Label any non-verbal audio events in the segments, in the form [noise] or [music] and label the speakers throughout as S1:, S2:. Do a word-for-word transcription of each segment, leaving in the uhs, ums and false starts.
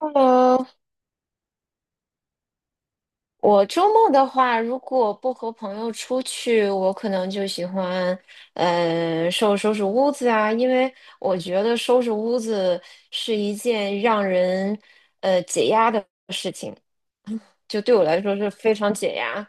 S1: 喽，我周末的话，如果不和朋友出去，我可能就喜欢，嗯、收拾收拾屋子啊，因为我觉得收拾屋子是一件让人，呃，解压的事情，就对我来说是非常解压。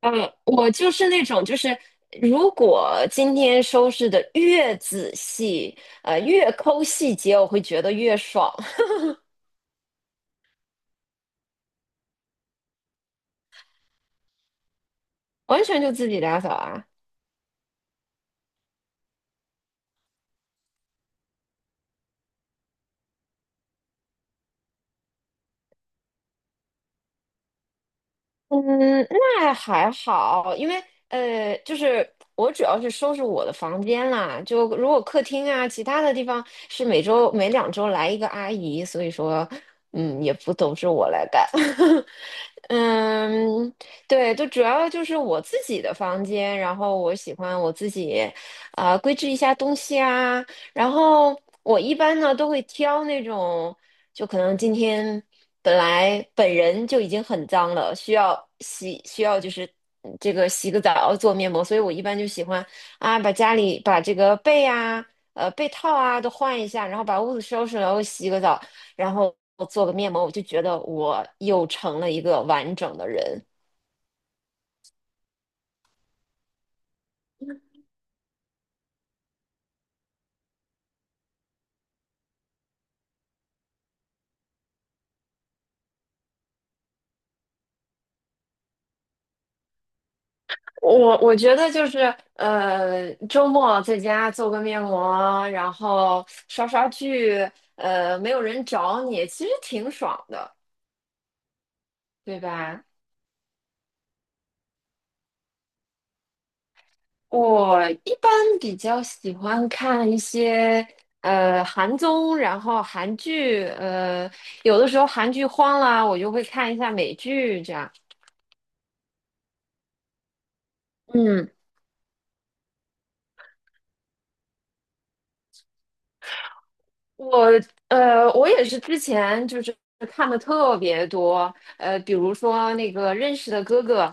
S1: 嗯，我就是那种，就是如果今天收拾的越仔细，呃，越抠细节，我会觉得越爽，[laughs] 完全就自己打扫啊。嗯，那还好，因为呃，就是我主要是收拾我的房间啦，就如果客厅啊，其他的地方是每周每两周来一个阿姨，所以说，嗯，也不都是我来干。[laughs] 嗯，对，就主要就是我自己的房间，然后我喜欢我自己，啊、规制一下东西啊，然后我一般呢都会挑那种。就可能今天本来本人就已经很脏了，需要洗，需要就是嗯这个洗个澡做面膜，所以我一般就喜欢啊，把家里把这个被啊、呃被套啊都换一下，然后把屋子收拾了，然后洗个澡，然后做个面膜，我就觉得我又成了一个完整的人。我我觉得就是呃，周末在家做个面膜，然后刷刷剧，呃，没有人找你，其实挺爽的。对吧？我一般比较喜欢看一些呃韩综，然后韩剧，呃，有的时候韩剧荒了，我就会看一下美剧这样。嗯，我呃，我也是之前就是看的特别多，呃，比如说那个《认识的哥哥》，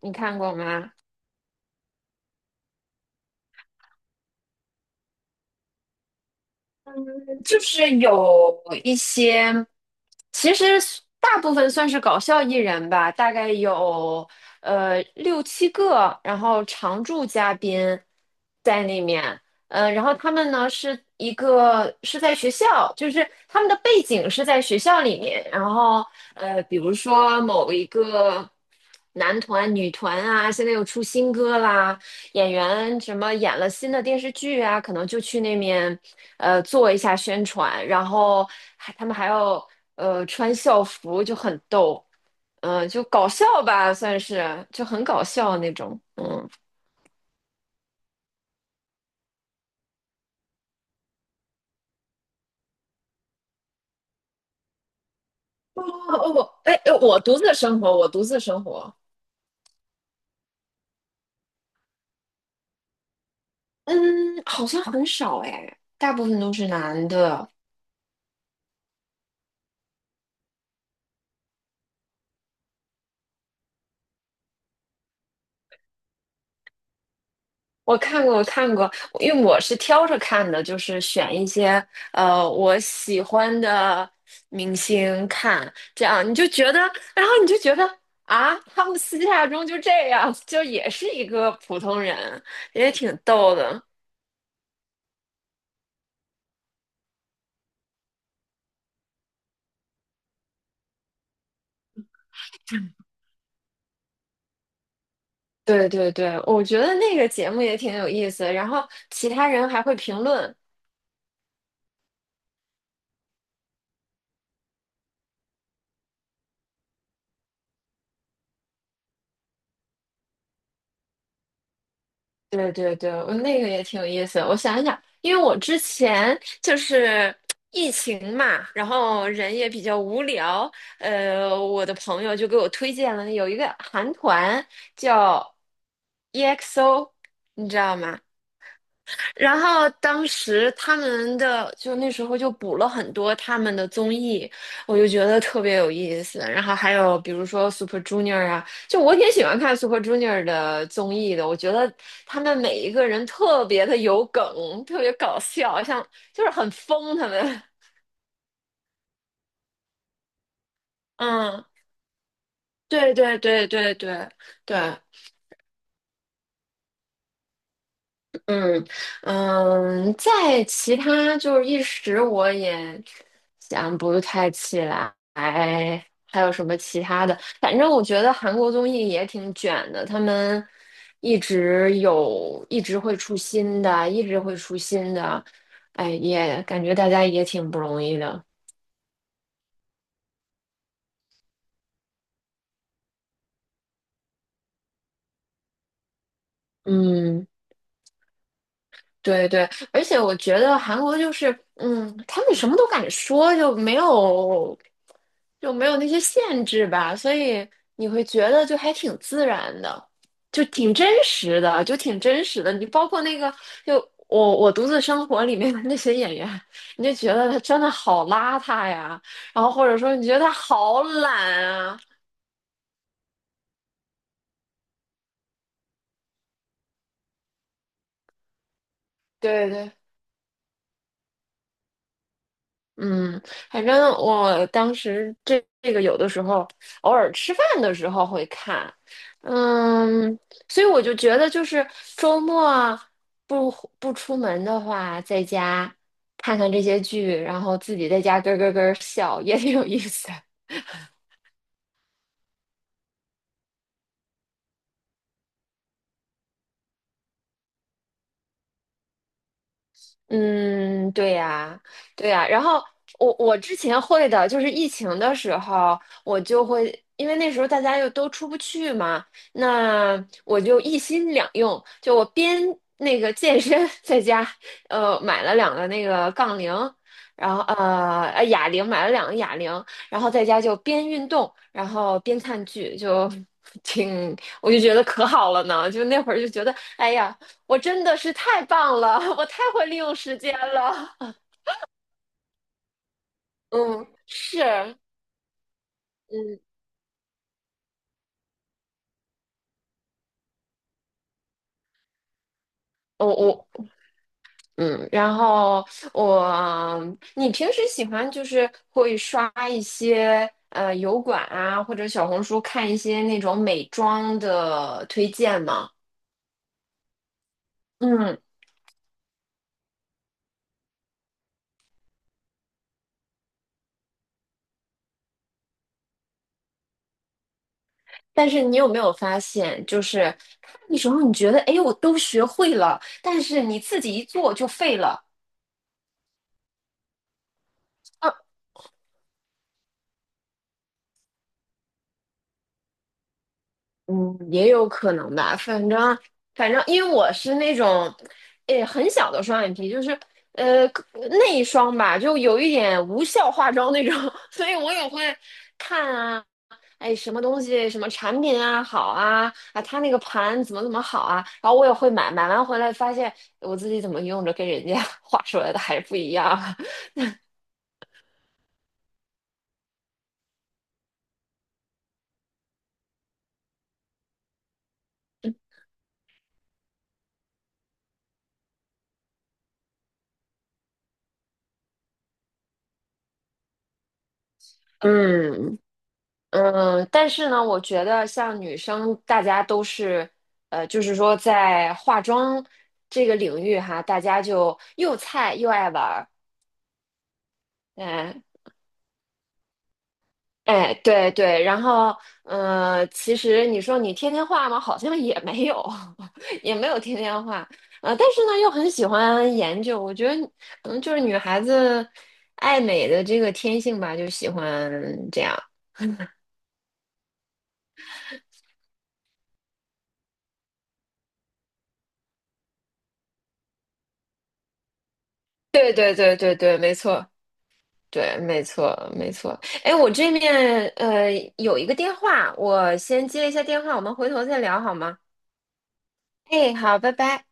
S1: 你看过吗？嗯，就是有一些，其实大部分算是搞笑艺人吧，大概有呃六七个，然后常驻嘉宾在那面，呃，然后他们呢是一个是在学校，就是他们的背景是在学校里面，然后呃，比如说某一个男团、女团啊，现在又出新歌啦，演员什么演了新的电视剧啊，可能就去那面呃做一下宣传，然后还他们还要呃穿校服，就很逗，嗯、就搞笑吧，算是就很搞笑那种，嗯。哦哦，我哎，哎我独自生活，我独自生活。嗯，好像很少哎，大部分都是男的。我看过，我看过，因为我是挑着看的，就是选一些呃我喜欢的明星看，这样你就觉得，然后你就觉得啊，他们私下中就这样，就也是一个普通人，也挺逗的。对对对，我觉得那个节目也挺有意思，然后其他人还会评论，对对对，我那个也挺有意思。我想一想，因为我之前就是疫情嘛，然后人也比较无聊，呃，我的朋友就给我推荐了有一个韩团叫 E X O,你知道吗？然后当时他们的就那时候就补了很多他们的综艺，我就觉得特别有意思。然后还有比如说 Super Junior 啊，就我挺喜欢看 Super Junior 的综艺的。我觉得他们每一个人特别的有梗，特别搞笑，像就是很疯他们。[laughs] 嗯，对对对对对对。嗯嗯，在其他就是一时我也想不太起来，还有什么其他的？反正我觉得韩国综艺也挺卷的，他们一直有，一直会出新的，一直会出新的，哎，也感觉大家也挺不容易的。嗯。对对，而且我觉得韩国就是，嗯，他们什么都敢说，就没有就没有那些限制吧，所以你会觉得就还挺自然的，就挺真实的，就挺真实的。你包括那个，就我我独自生活里面的那些演员，你就觉得他真的好邋遢呀，然后或者说你觉得他好懒啊，对对。嗯，反正我当时这这个有的时候偶尔吃饭的时候会看，嗯，所以我就觉得就是周末不不出门的话，在家看看这些剧，然后自己在家咯咯咯笑也挺有意思。嗯，对呀，对呀。然后我我之前会的，就是疫情的时候，我就会，因为那时候大家又都出不去嘛，那我就一心两用，就我边那个健身，[laughs] 在家，呃，买了两个那个杠铃，然后呃呃哑铃，买了两个哑铃，然后在家就边运动，然后边看剧，就 [laughs] 挺，我就觉得可好了呢，就那会儿就觉得，哎呀。我真的是太棒了，[laughs] 我太会利用时间了。[laughs] 嗯，是，嗯，我我嗯，然后我，你平时喜欢就是会刷一些呃油管啊，或者小红书看一些那种美妆的推荐吗？嗯，但是你有没有发现，就是看的时候你觉得，哎，我都学会了，但是你自己一做就废了。嗯，也有可能吧，反正反正，因为我是那种，诶，很小的双眼皮，就是呃内双吧，就有一点无效化妆那种，[laughs] 所以我也会看啊，哎，什么东西什么产品啊好啊啊，它那个盘怎么怎么好啊，然后我也会买，买完回来发现我自己怎么用着跟人家 [laughs] 画出来的还不一样，[laughs] 嗯。嗯，但是呢，我觉得像女生，大家都是，呃，就是说在化妆这个领域哈，大家就又菜又爱玩儿，哎哎，对对，然后，呃，其实你说你天天画吗？好像也没有，[laughs] 也没有天天画，呃，但是呢，又很喜欢研究，我觉得可能就是女孩子爱美的这个天性吧，就喜欢这样。对对对对对，没错。对，没错，没错。哎，我这面呃有一个电话，我先接一下电话，我们回头再聊好吗？哎，好，拜拜。